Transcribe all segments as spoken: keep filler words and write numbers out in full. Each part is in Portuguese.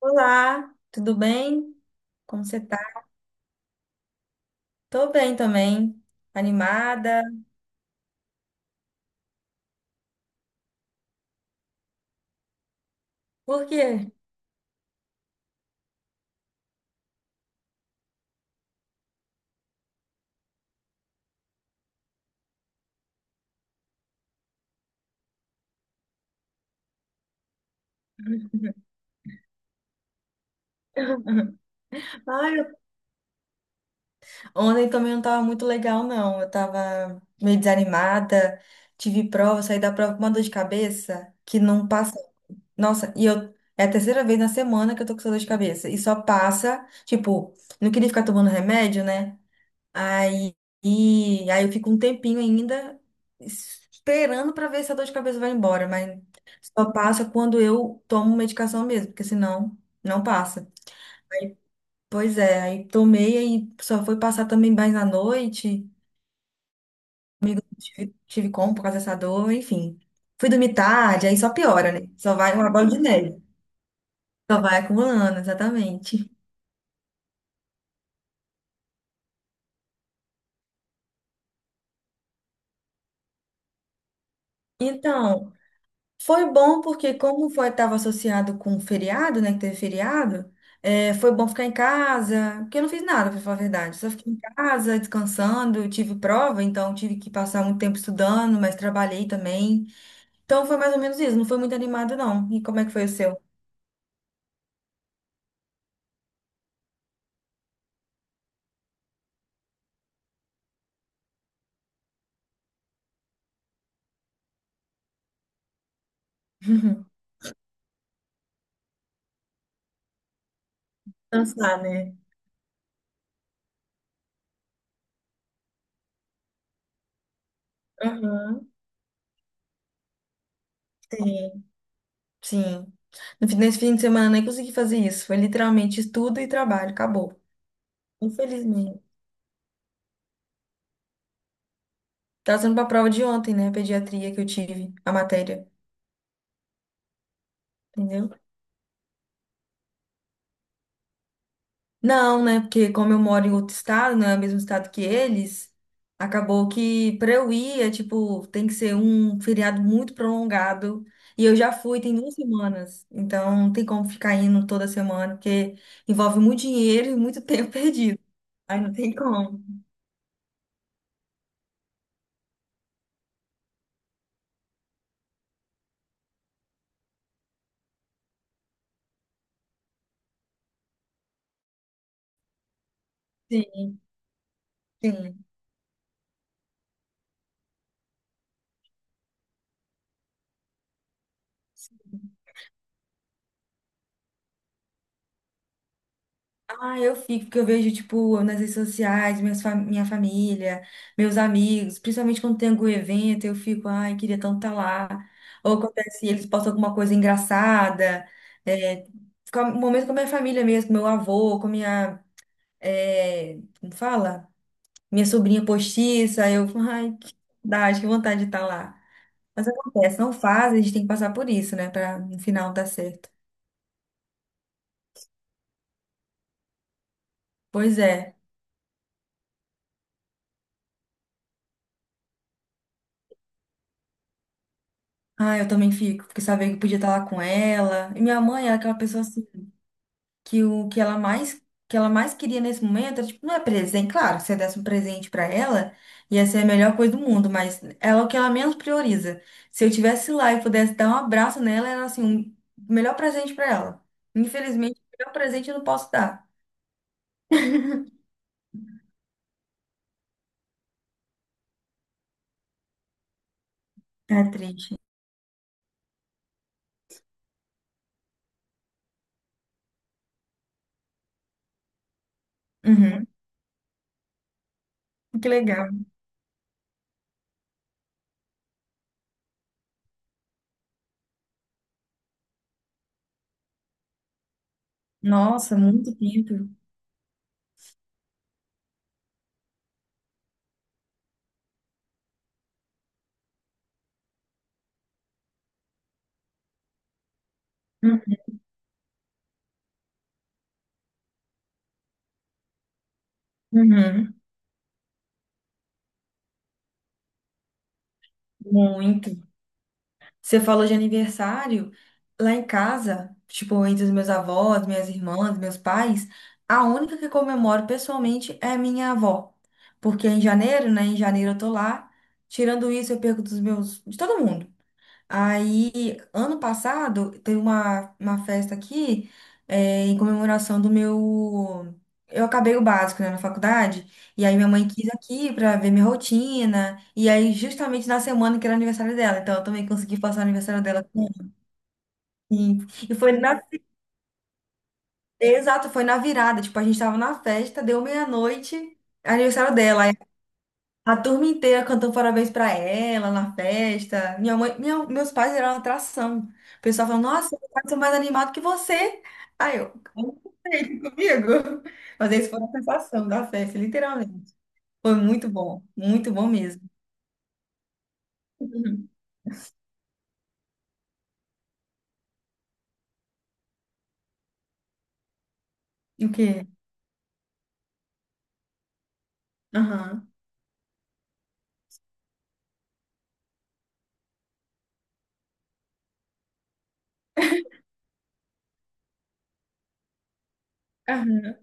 Olá, tudo bem? Como você tá? Tô bem também, animada. Por quê? Ai, eu- ontem também não tava muito legal, não. Eu tava meio desanimada, tive prova, saí da prova com uma dor de cabeça que não passa. Nossa, e eu. É a terceira vez na semana que eu tô com essa dor de cabeça. E só passa, tipo, não queria ficar tomando remédio, né? Aí, e- aí eu fico um tempinho ainda esperando para ver se a dor de cabeça vai embora, mas só passa quando eu tomo medicação mesmo, porque senão não passa. Pois é, aí tomei aí só foi passar também mais na noite. Comigo tive, tive como por causa dessa dor, enfim. Fui dormir tarde, aí só piora, né? Só vai uma bola de neve. Só vai acumulando, exatamente. Então, foi bom porque como foi estava associado com feriado, né, que teve feriado, eh, foi bom ficar em casa, porque eu não fiz nada, para falar a verdade. Só fiquei em casa, descansando, eu tive prova, então tive que passar muito tempo estudando, mas trabalhei também. Então foi mais ou menos isso, não foi muito animado não. E como é que foi o seu? Cansar, né? Aham. Sim, sim. No fim- Nesse fim de semana eu nem consegui fazer isso. Foi literalmente estudo e trabalho, acabou. Infelizmente. Tava sendo pra prova de ontem, né? Pediatria que eu tive, a matéria. Entendeu? Não, né? Porque como eu moro em outro estado, não é o mesmo estado que eles, acabou que para eu ir é tipo, tem que ser um feriado muito prolongado. E eu já fui tem duas semanas, então não tem como ficar indo toda semana, porque envolve muito dinheiro e muito tempo perdido. Aí não tem como. Sim, sim. Ah, eu fico, porque eu vejo, tipo, nas redes sociais, minhas fa- minha família, meus amigos, principalmente quando tem algum evento, eu fico, ai, queria tanto estar lá. Ou acontece, eles postam alguma coisa engraçada. É, fica um momento com a minha família mesmo, com meu avô, com minha, é, como fala? Minha sobrinha postiça, eu, ai, que saudade, que vontade de estar lá. Mas acontece, não faz, a gente tem que passar por isso, né, para no final dar certo. Pois é. Ah, eu também fico, porque sabia que podia estar lá com ela. E minha mãe era aquela pessoa assim, que o que ela mais que ela mais queria nesse momento, era, tipo, não é presente, claro, se eu desse um presente pra ela, ia ser a melhor coisa do mundo, mas ela é o que ela menos prioriza. Se eu tivesse lá e pudesse dar um abraço nela, era assim, um- o melhor presente pra ela. Infelizmente, o melhor presente eu não posso dar. É triste. Uhum. Que legal. Nossa, muito tempo. Hum. Uhum. Muito. Você falou de aniversário. Lá em casa, tipo, entre os meus avós, minhas irmãs, meus pais, a única que comemoro pessoalmente é minha avó. Porque em janeiro, né? Em janeiro eu tô lá. Tirando isso, eu perco dos meus, de todo mundo. Aí, ano passado, teve uma, uma festa aqui, eh, em comemoração do meu. Eu acabei o básico, né, na faculdade, e aí minha mãe quis aqui pra ver minha rotina, e aí justamente na semana que era aniversário dela, então eu também consegui passar o aniversário dela com ela. Sim. E foi na. Exato, foi na virada, tipo, a gente tava na festa, deu meia-noite, aniversário dela. A turma inteira cantando parabéns pra ela na festa. Minha mãe, minha- meus pais eram uma atração. O pessoal falou, nossa, meu pais são mais animados que você. Aí eu, "Como você comigo." Mas essa foi a sensação da festa, literalmente. Foi muito bom, muito bom mesmo. Uhum. O quê? Aham. Aham.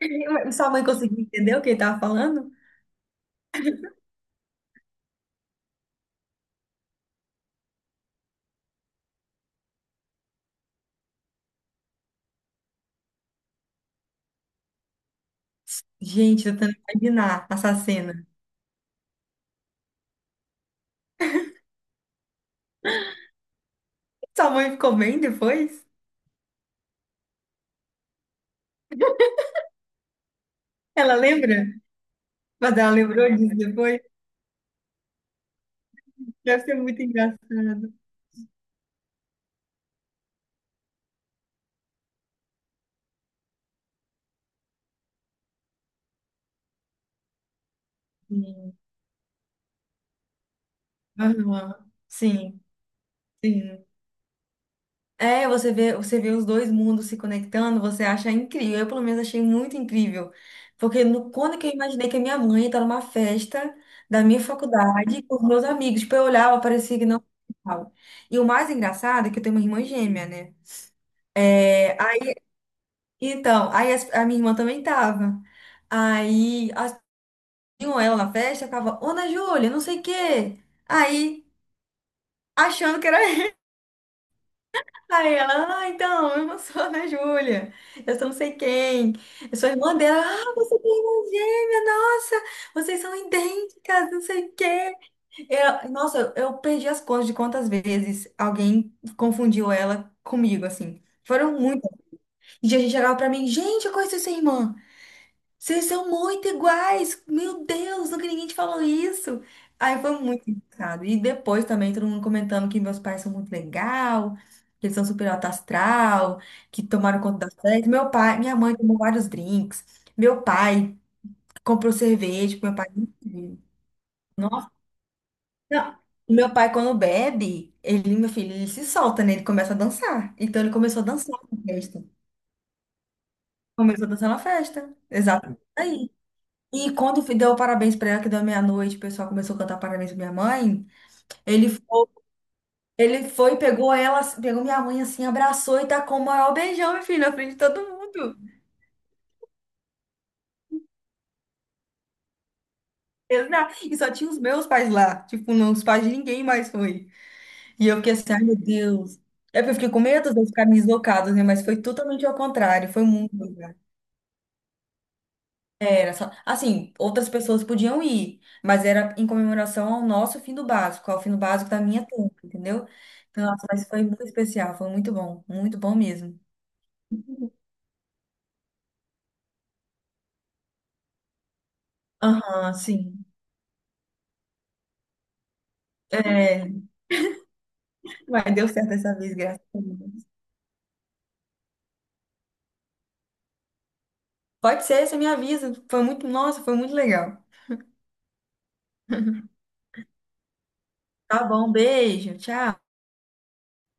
Mas sua mãe conseguiu entender o que ele tava falando? Gente, tô tentando imaginar essa cena. Sua mãe ficou bem depois? Ela lembra? Mas ela lembrou disso depois? Deve ser muito engraçado. Aham. Sim, sim. É, você vê, você vê os dois mundos se conectando, você acha incrível. Eu, pelo menos, achei muito incrível. Porque no, quando que eu imaginei que a minha mãe estava numa festa da minha faculdade com os meus amigos, tipo, eu olhava, parecia que não tava. E o mais engraçado é que eu tenho uma irmã gêmea, né? É, aí, então, aí as- a, minha irmã também tava. Aí, as, tinham ela na festa, ficava, Ana Júlia, não sei o quê. Aí, achando que era. Aí ela, ah, então, eu não sou a Ana Júlia, eu sou não sei quem, eu sou irmã dela, ah, você tem irmã gêmea, nossa, vocês são idênticas, não sei o quê. Eu, nossa, eu perdi as contas de quantas vezes alguém confundiu ela comigo, assim. Foram muitas. E a gente chegava pra mim, gente, eu conheço sua irmã. Vocês são muito iguais! Meu Deus, nunca ninguém te falou isso! Aí foi muito engraçado. E depois também todo mundo comentando que meus pais são muito legal, que eles são super alto astral, que tomaram conta da festa. Meu pai, minha mãe tomou vários drinks. Meu pai comprou cerveja, porque meu pai nunca viu. Nossa, não. O meu pai, quando bebe, ele, meu filho, ele se solta, né? Ele começa a dançar. Então ele começou a dançar na festa. Começou a dançar na festa. Exato. E quando fi- deu parabéns pra ela, que deu meia-noite, o pessoal começou a cantar parabéns pra minha mãe. Ele foi, ele foi, pegou ela, assim, pegou minha mãe assim, abraçou e tacou o maior beijão, meu filho, na frente de todo mundo. Eu, na- E só tinha os meus pais lá. Tipo, não, os pais de ninguém mais foi. E eu fiquei assim, ai meu Deus. É porque eu fiquei com medo de ficarem deslocados, né? Mas foi totalmente ao contrário. Foi muito. Era só, assim, outras pessoas podiam ir, mas era em comemoração ao nosso fim do básico, ao fim do básico da minha turma, entendeu? Então, nossa, mas foi muito especial, foi muito bom, muito bom mesmo. Aham, sim. É, mas deu certo dessa vez, graças a Deus. Pode ser, você me avisa. Foi muito, nossa, foi muito legal. Tá bom, beijo, tchau.